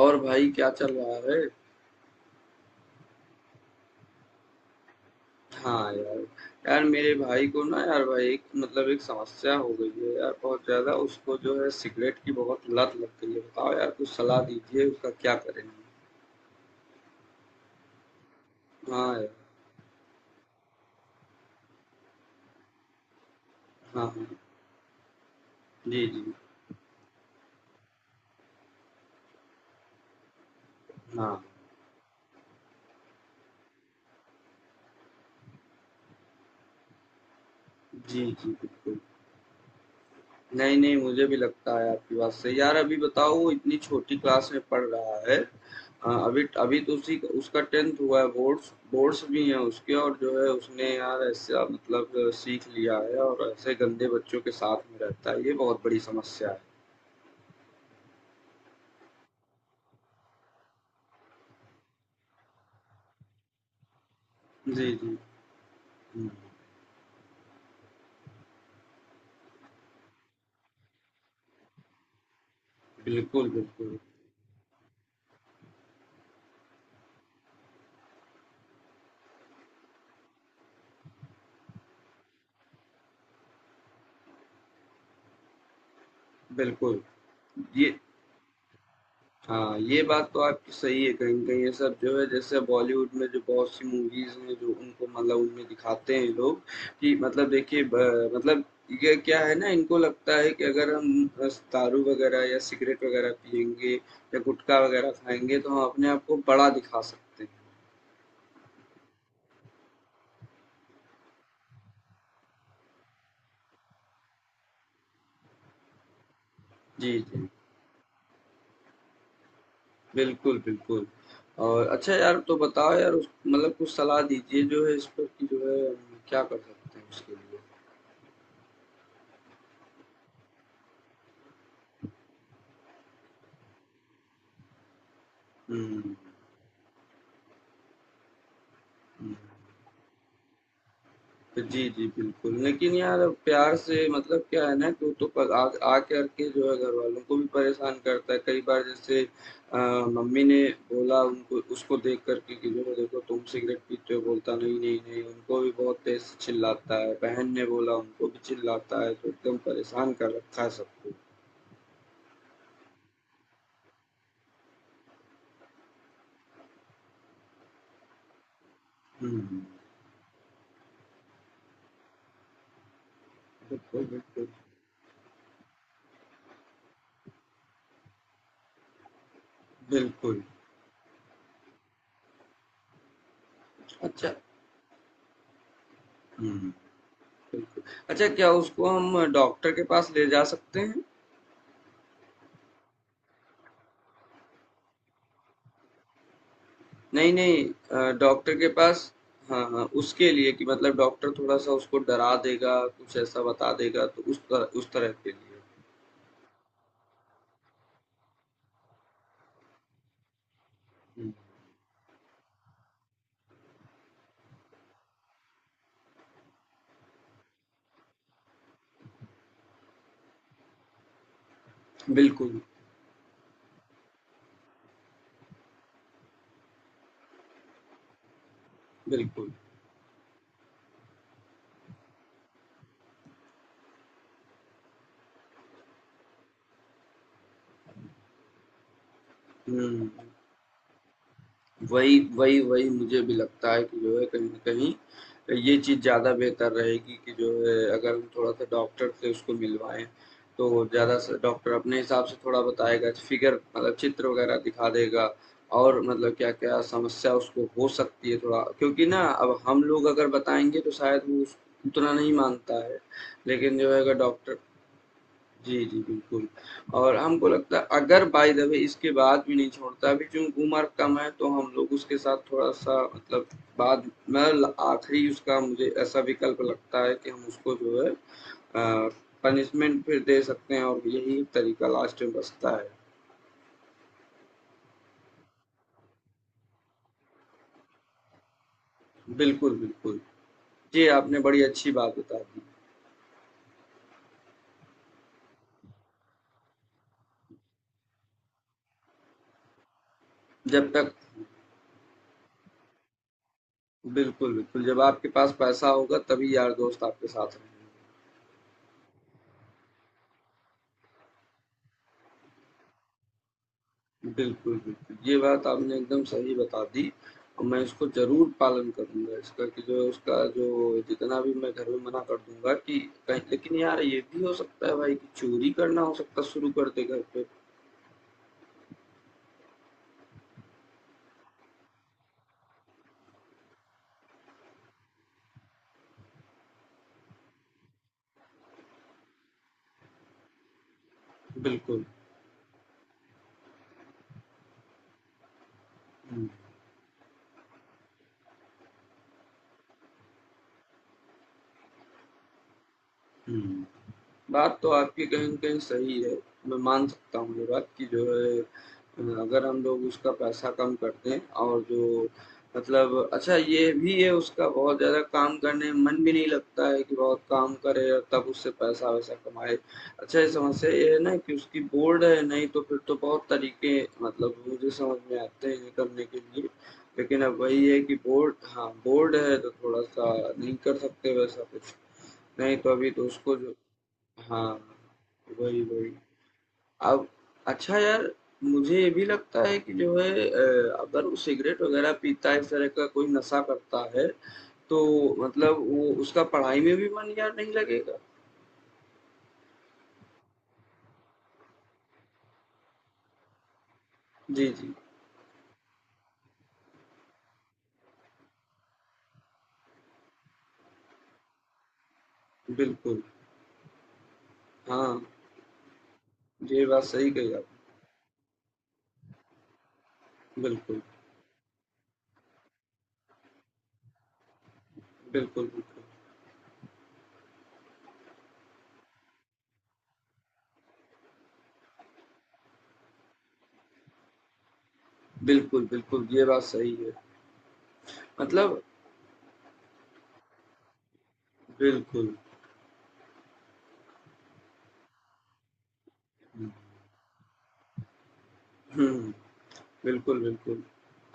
और भाई क्या चल रहा है? हाँ यार, यार मेरे भाई को ना यार भाई एक मतलब एक समस्या हो गई है यार बहुत ज़्यादा उसको जो है सिगरेट की बहुत लत लग गई है। बताओ यार कुछ सलाह दीजिए उसका क्या करें? हाँ यार, हाँ हाँ, जी जी, हाँ, जी जी बिल्कुल। नहीं नहीं मुझे भी लगता है आपकी बात सही। यार अभी बताओ वो इतनी छोटी क्लास में पढ़ रहा है। हाँ, अभी अभी तो उसी उसका 10th हुआ है, बोर्ड्स बोर्ड्स भी हैं उसके, और जो है उसने यार ऐसा मतलब सीख लिया है और ऐसे गंदे बच्चों के साथ में रहता है, ये बहुत बड़ी समस्या है। जी जी। हम्म, बिल्कुल बिल्कुल। बिल्कुल ये। हाँ, ये बात तो आपकी सही है, कहीं न कहीं ये सब जो है जैसे बॉलीवुड में जो बहुत सी मूवीज़ हैं, जो उनको मतलब उनमें दिखाते हैं लोग कि मतलब देखिए ब मतलब ये क्या है ना, इनको लगता है कि अगर हम बस दारू वग़ैरह या सिगरेट वग़ैरह पिएँगे या गुटखा वग़ैरह खाएँगे तो हम अपने आप को बड़ा दिखा सकते हैं। जी, जी। बिल्कुल, बिल्कुल। और अच्छा यार तो बताओ यार उस मतलब कुछ सलाह दीजिए जो है इस पर कि जो है हम क्या कर सकते हैं उसके लिए? हुँ, हुँ। जी, जी, बिल्कुल। लेकिन यार अब प्यार से मतलब क्या है ना कि वो तो पर आ आ करके जो है घरवालों को भी परेशान करता है। कई बार जैसे मम्मी ने बोला उनको, उसको देख कर के कि जो है देखो तुम सिगरेट पीते हो, बोलता नहीं, नहीं, नहीं, उनको भी बहुत तेज़ से चिल्लाता है। बहन ने बोला उनको भी चिल्लाता है, तो एकदम परेशान कर रखा है सबको। हुँ। बिल्कुल, बिल्कुल। बिल्कुल। अच्छा। हुँ। बिल्कुल। अच्छा, क्या उसको हम डॉक्टर के पास ले जा सकते हैं? नहीं, नहीं। डॉक्टर के पास, हाँ, हाँ, उसके लिए कि मतलब डॉक्टर थोड़ा-सा उसको डरा देगा, कुछ ऐसा बता देगा, तो उस तरह के लिए। हुँ, बिल्कुल, बिल्कुल। हुँ। वही वही वही मुझे भी लगता है कि जो है, कहीं ना कहीं ये चीज़ ज़्यादा बेहतर रहेगी कि जो है अगर हम थोड़ा सा डॉक्टर से उसको मिलवाएँ, तो ज़्यादा से डॉक्टर अपने हिसाब से थोड़ा बताएगा, फिगर मतलब चित्र वगैरह दिखा देगा, और मतलब क्या-क्या समस्या उसको हो सकती है, थोड़ा क्योंकि ना अब हम लोग अगर बताएँगे तो शायद वो उस उतना नहीं मानता है। लेकिन जो है अगर डॉक्टर। जी, जी, बिल्कुल। और हमको लगता है अगर बाय द वे इसके बाद भी नहीं छोड़ता, अभी चूँकि उम्र कम है तो हम लोग उसके साथ थोड़ा-सा मतलब बाद मतलब आखिरी उसका मुझे ऐसा विकल्प लगता है कि हम उसको जो है अ, पनिशमेंट फिर दे सकते हैं, और यही तरीका लास्ट में बचता है। बिल्कुल, बिल्कुल। जी, आपने बड़ी अच्छी बात बता दी। जब तक। बिल्कुल, बिल्कुल, जब आपके पास पैसा होगा तभी यार दोस्त आपके साथ रहेंगे। बिल्कुल, बिल्कुल। ये बात आपने एकदम सही बता दी, और मैं इसको ज़रूर पालन करूँगा इसका कि जो उसका जो जितना भी मैं घर में मना कर दूँगा कि कहीं, लेकिन यार ये भी हो सकता है भाई कि चोरी करना हो सकता है शुरू कर दे घर पे। बिल्कुल। हुँ, हुँ। बात तो आपकी कहीं न कहीं सही है। मैं मान सकता हूँ ये बात कि जो है अगर हम लोग उसका पैसा कम कर दें और जो मतलब अच्छा ये भी है उसका बहुत ज़्यादा काम करने में मन भी नहीं लगता है कि बहुत काम करे और तब उससे पैसा-वैसा कमाए। अच्छा, ये समस्या ये है ना कि उसकी बोर्ड है, नहीं तो फिर तो बहुत तरीके मतलब मुझे समझ में आते हैं करने के लिए। लेकिन अब वही है कि बोर्ड, हाँ, बोर्ड है तो थोड़ा-सा नहीं कर सकते वैसा कुछ। नहीं तो अभी तो उसको जो। हाँ, वही, वही। अब अच्छा यार, मुझे ये भी लगता है कि जो है अगर वो सिगरेट वगैरह पीता है, इस तरह का कोई नशा करता है, तो मतलब वो उसका पढ़ाई में भी मन यार नहीं लगेगा। जी, जी, बिल्कुल। हाँ, ये बात सही कही आपने। बिल्कुल, बिल्कुल, बिल्कुल। बिल्कुल, बिल्कुल, ये बात सही है। मतलब। बिल्कुल। हुँ, हुँ। बिल्कुल, बिल्कुल।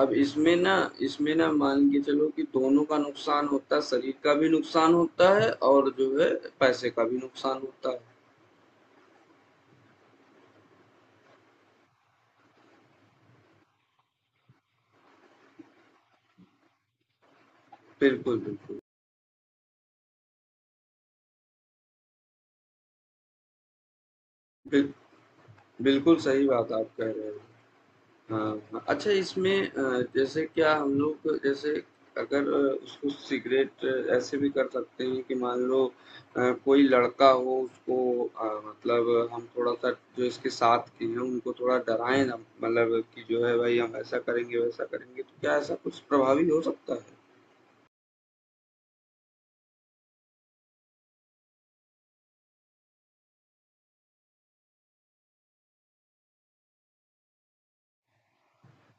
अब इसमें ना, इसमें ना मान के चलो कि दोनों का नुकसान होता है, शरीर का भी नुकसान होता है और जो है पैसे का भी नुकसान होता है। बिल्कुल, बिल्कुल। बिल बिल्कुल सही बात आप कह रहे हो। हाँ, अच्छा, इसमें जैसे क्या हम लोग जैसे अगर उसको सिगरेट ऐसे भी कर सकते हैं कि मान लो कोई लड़का हो उसको मतलब हम थोड़ा सा जो इसके साथ के हैं उनको थोड़ा डराएं ना, मतलब कि जो है भाई हम ऐसा करेंगे वैसा करेंगे, तो क्या ऐसा कुछ प्रभावी हो सकता है?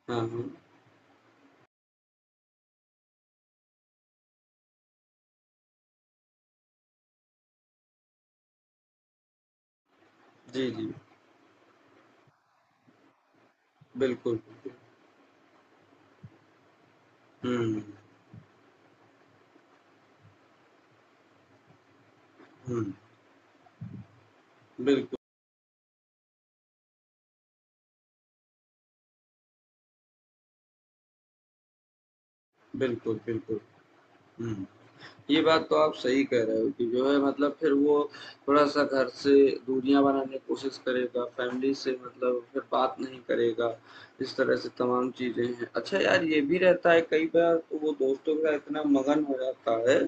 हाँ हाँ। जी जी। बिल्कुल बिल्कुल। हम्म हम्म। बिल्कुल बिल्कुल बिल्कुल। हम्म। ये बात तो आप सही कह रहे हो कि जो है मतलब फिर वो थोड़ा-सा घर से दूरियाँ बनाने की कोशिश करेगा, फैमिली से मतलब फिर बात नहीं करेगा, इस तरह से तमाम चीज़ें हैं। अच्छा यार, ये भी रहता है कई बार तो वो दोस्तों के साथ इतना मगन हो जाता है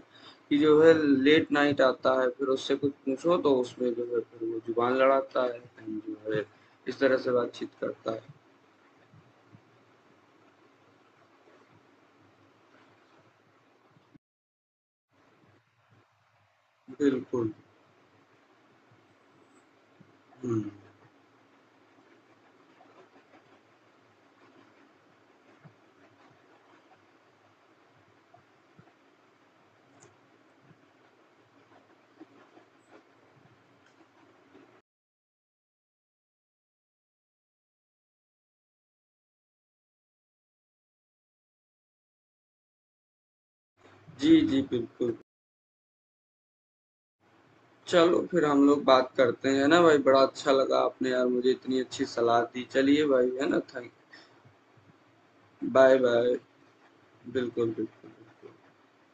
कि जो है लेट नाइट आता है, फिर उससे कुछ पूछो तो उसमें जो है फिर वो ज़ुबान लड़ाता है एंड जो है इस तरह से बातचीत करता है। बिल्कुल। हुँ। जी, जी, बिल्कुल। चलो फिर हम लोग बात करते हैं, है ना भाई? बड़ा अच्छा लगा आपने यार मुझे इतनी अच्छी सलाह दी। चलिए भाई, है ना? Thank bye bye. बिल्कुल, बिल्कुल, बिल्कुल।